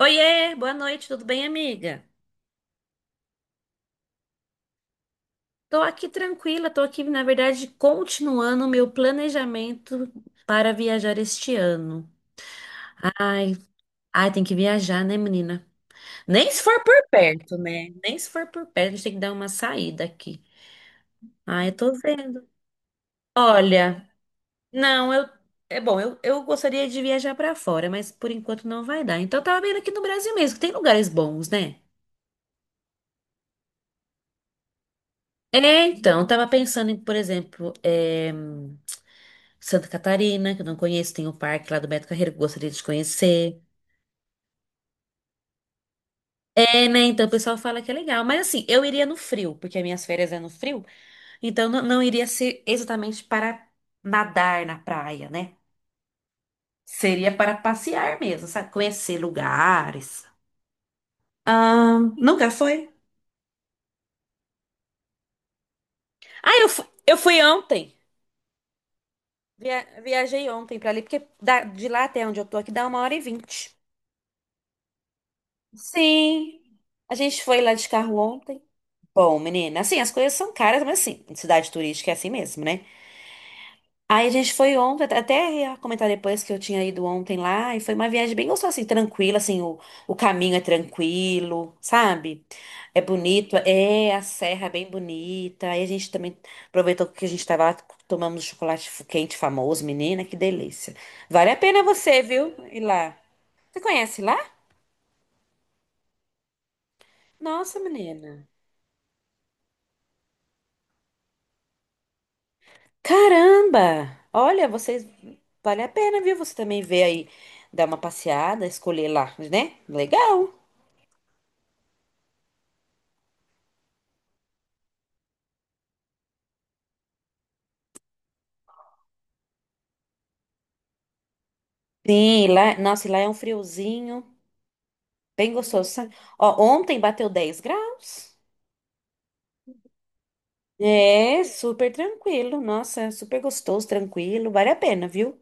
Oiê, boa noite, tudo bem, amiga? Tô aqui tranquila, tô aqui, na verdade, continuando o meu planejamento para viajar este ano. Ai, ai, tem que viajar, né, menina? Nem se for por perto, né? Nem se for por perto, a gente tem que dar uma saída aqui. Ai, eu tô vendo. Olha, não, eu. É bom, eu gostaria de viajar pra fora, mas por enquanto não vai dar. Então, eu tava vendo aqui no Brasil mesmo, que tem lugares bons, né? É, então, eu tava pensando em, por exemplo, Santa Catarina, que eu não conheço, tem o parque lá do Beto Carreiro que eu gostaria de conhecer. É, né? Então o pessoal fala que é legal. Mas assim, eu iria no frio, porque as minhas férias é no frio, então não, não iria ser exatamente para nadar na praia, né? Seria para passear mesmo, sabe? Conhecer lugares. Ah, nunca foi? Ah, eu fui ontem. Viajei ontem para ali, porque de lá até onde eu tô aqui dá 1h20. Sim, a gente foi lá de carro ontem. Bom, menina, assim, as coisas são caras, mas assim, cidade turística é assim mesmo, né? Aí a gente foi ontem, até ia comentar depois que eu tinha ido ontem lá, e foi uma viagem bem gostosa, assim, tranquila, assim, o caminho é tranquilo, sabe? É bonito, é a serra é bem bonita. Aí a gente também aproveitou que a gente tava lá, tomamos chocolate quente famoso, menina, que delícia. Vale a pena você, viu? Ir lá. Você conhece lá? Nossa, menina. Caramba! Olha, vocês vale a pena, viu? Você também vê aí, dar uma passeada, escolher lá, né? Legal. Sim, lá, nossa, e lá é um friozinho, bem gostoso. Sabe? Ó, ontem bateu 10 graus. É, super tranquilo. Nossa, super gostoso, tranquilo, vale a pena, viu?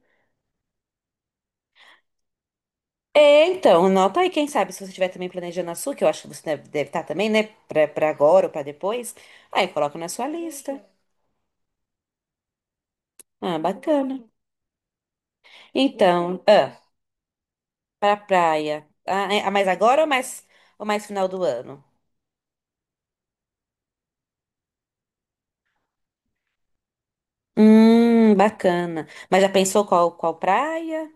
É, então, anota aí, quem sabe, se você estiver também planejando a sua, que eu acho que você deve estar também, né? Pra agora ou pra depois. Aí coloca na sua lista. Ah, bacana. Então, ah. Pra praia. Ah, é- ah, mas agora ou mais final do ano? Bacana. Mas já pensou qual praia?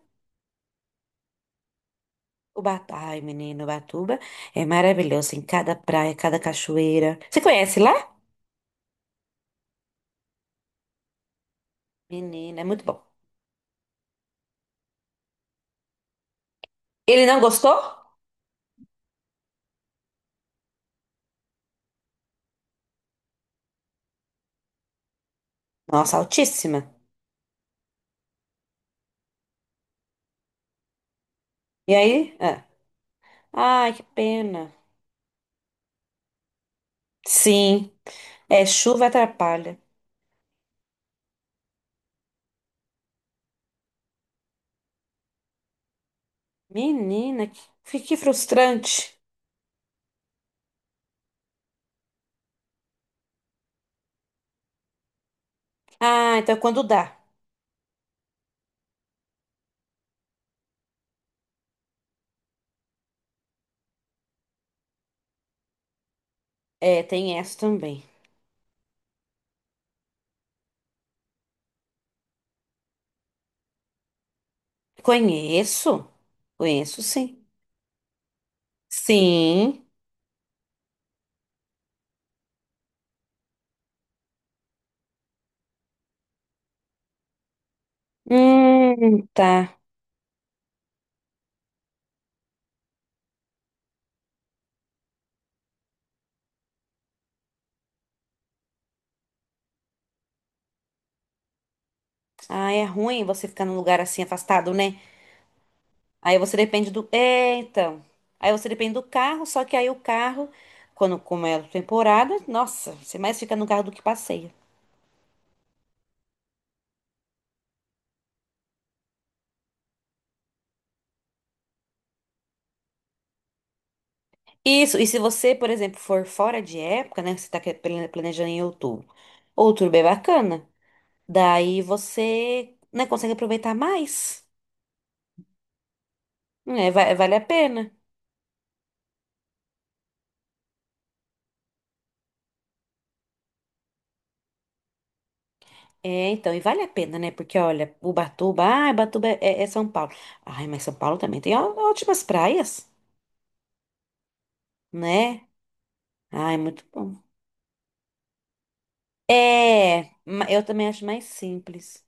Ubatuba. Ai, menino, Ubatuba é maravilhoso. Em cada praia, cada cachoeira. Você conhece lá? Menina, é muito bom. Ele não gostou? Nossa, altíssima. E aí? Ah. Ai, que pena. Sim, é chuva atrapalha. Menina, que frustrante. Ah, então quando dá. É, tem essa também. Conheço, conheço sim. Sim. Tá. Ah, é ruim você ficar num lugar assim afastado, né? Aí você depende do. É, então. Aí você depende do carro, só que aí o carro, quando como é a temporada, nossa, você mais fica no carro do que passeia. Isso, e se você, por exemplo, for fora de época, né? Você tá planejando em outubro. Outubro é bacana. Daí você, né, consegue aproveitar mais. É, vale a pena. É, então, e vale a pena, né? Porque, olha, Ubatuba, ah, Ubatuba é, é- é São Paulo. Ai, mas São Paulo também tem ótimas praias, né? Ai, muito bom. É, eu também acho mais simples.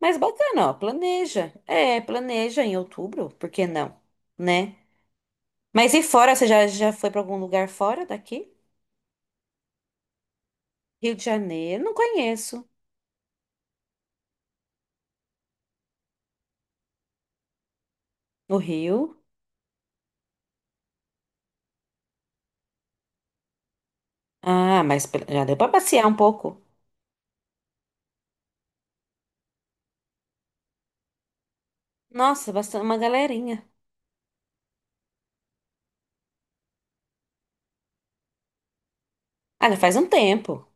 Mas bacana, ó, planeja. É, planeja em outubro, por que não? Né? Mas e fora, você já foi pra algum lugar fora daqui? Rio de Janeiro, não conheço. No Rio? Ah, mas já deu pra passear um pouco. Nossa, bastante uma galerinha. Ah, já faz um tempo.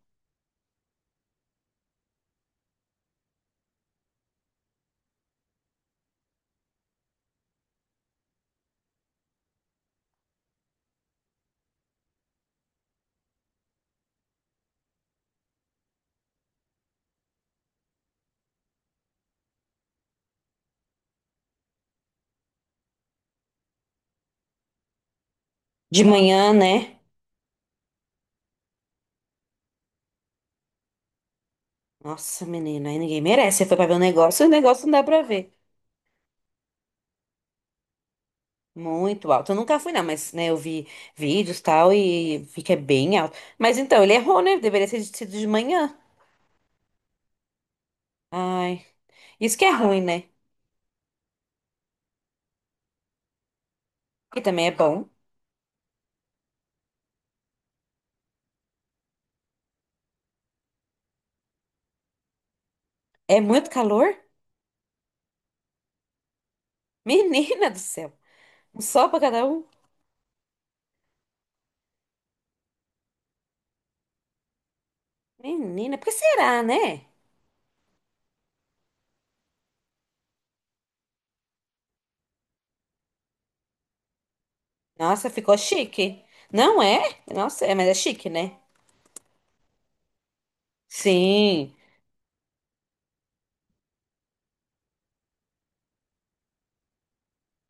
De manhã, né? Nossa, menina, aí ninguém merece. Você foi pra ver o negócio não dá pra ver. Muito alto. Eu nunca fui, não, mas, né, eu vi vídeos e tal e vi que é bem alto. Mas então, ele errou, né? Deveria ter sido de manhã. Ai, isso que é ruim, né? E também é bom. É muito calor? Menina do céu. Um sol pra cada um. Menina, por que será, né? Nossa, ficou chique. Não é? Nossa, é, mas é chique, né? Sim.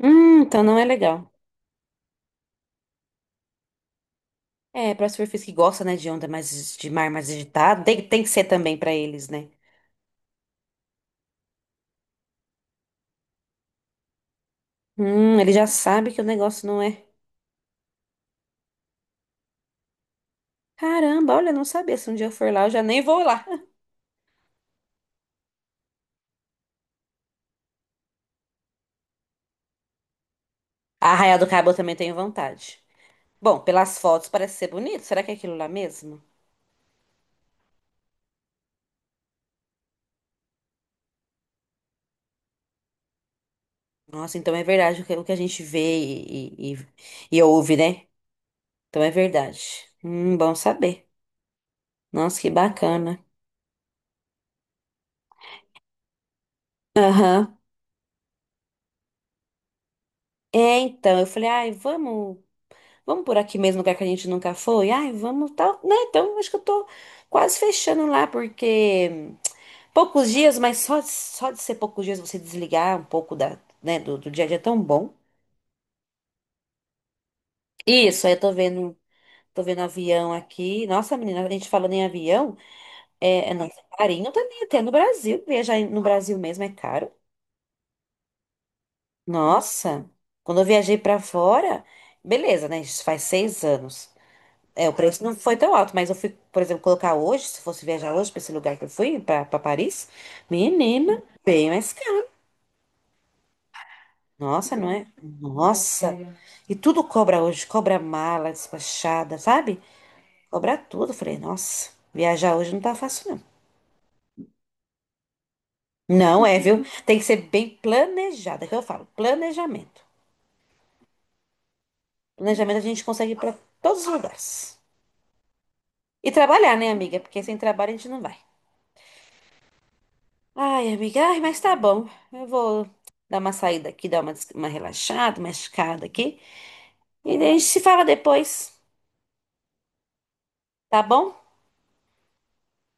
Então não é legal. É, para surfistas que gostam, né, de onda mais de mar mais agitado, tem que ser também pra eles, né? Ele já sabe que o negócio não é. Caramba, olha, não sabia. Se um dia eu for lá, eu já nem vou lá. A Arraial do Cabo eu também tenho vontade. Bom, pelas fotos parece ser bonito. Será que é aquilo lá mesmo? Nossa, então é verdade o que a gente vê e ouve, né? Então é verdade. Bom saber. Nossa, que bacana. Aham. É, então, eu falei, ai, vamos. Vamos por aqui mesmo, lugar que a gente nunca foi? Ai, vamos, tal, né? Então, acho que eu tô quase fechando lá, porque poucos dias, mas só de ser poucos dias você desligar um pouco da, né, do dia a dia é tão bom. Isso, aí eu tô vendo avião aqui. Nossa, menina, a gente falando em avião, é nosso carinho também, até no Brasil. Viajar no Brasil mesmo é caro. Nossa, quando eu viajei pra fora, beleza, né? Isso faz 6 anos. É, o preço não foi tão alto, mas eu fui, por exemplo, colocar hoje, se fosse viajar hoje para esse lugar que eu fui, para Paris, menina, bem mais caro. Nossa, não é? Nossa. E tudo cobra hoje, cobra mala despachada, sabe? Cobra tudo. Eu falei, nossa, viajar hoje não tá fácil, não. Não é, viu? Tem que ser bem planejada, que eu falo, planejamento. Planejamento a gente consegue ir para todos os lugares. E trabalhar, né, amiga? Porque sem trabalho a gente não vai. Ai, amiga, ai, mas tá bom. Eu vou dar uma saída aqui, dar uma relaxada, uma esticada aqui. E daí a gente se fala depois, tá bom?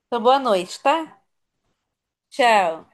Então, boa noite, tá? Tchau.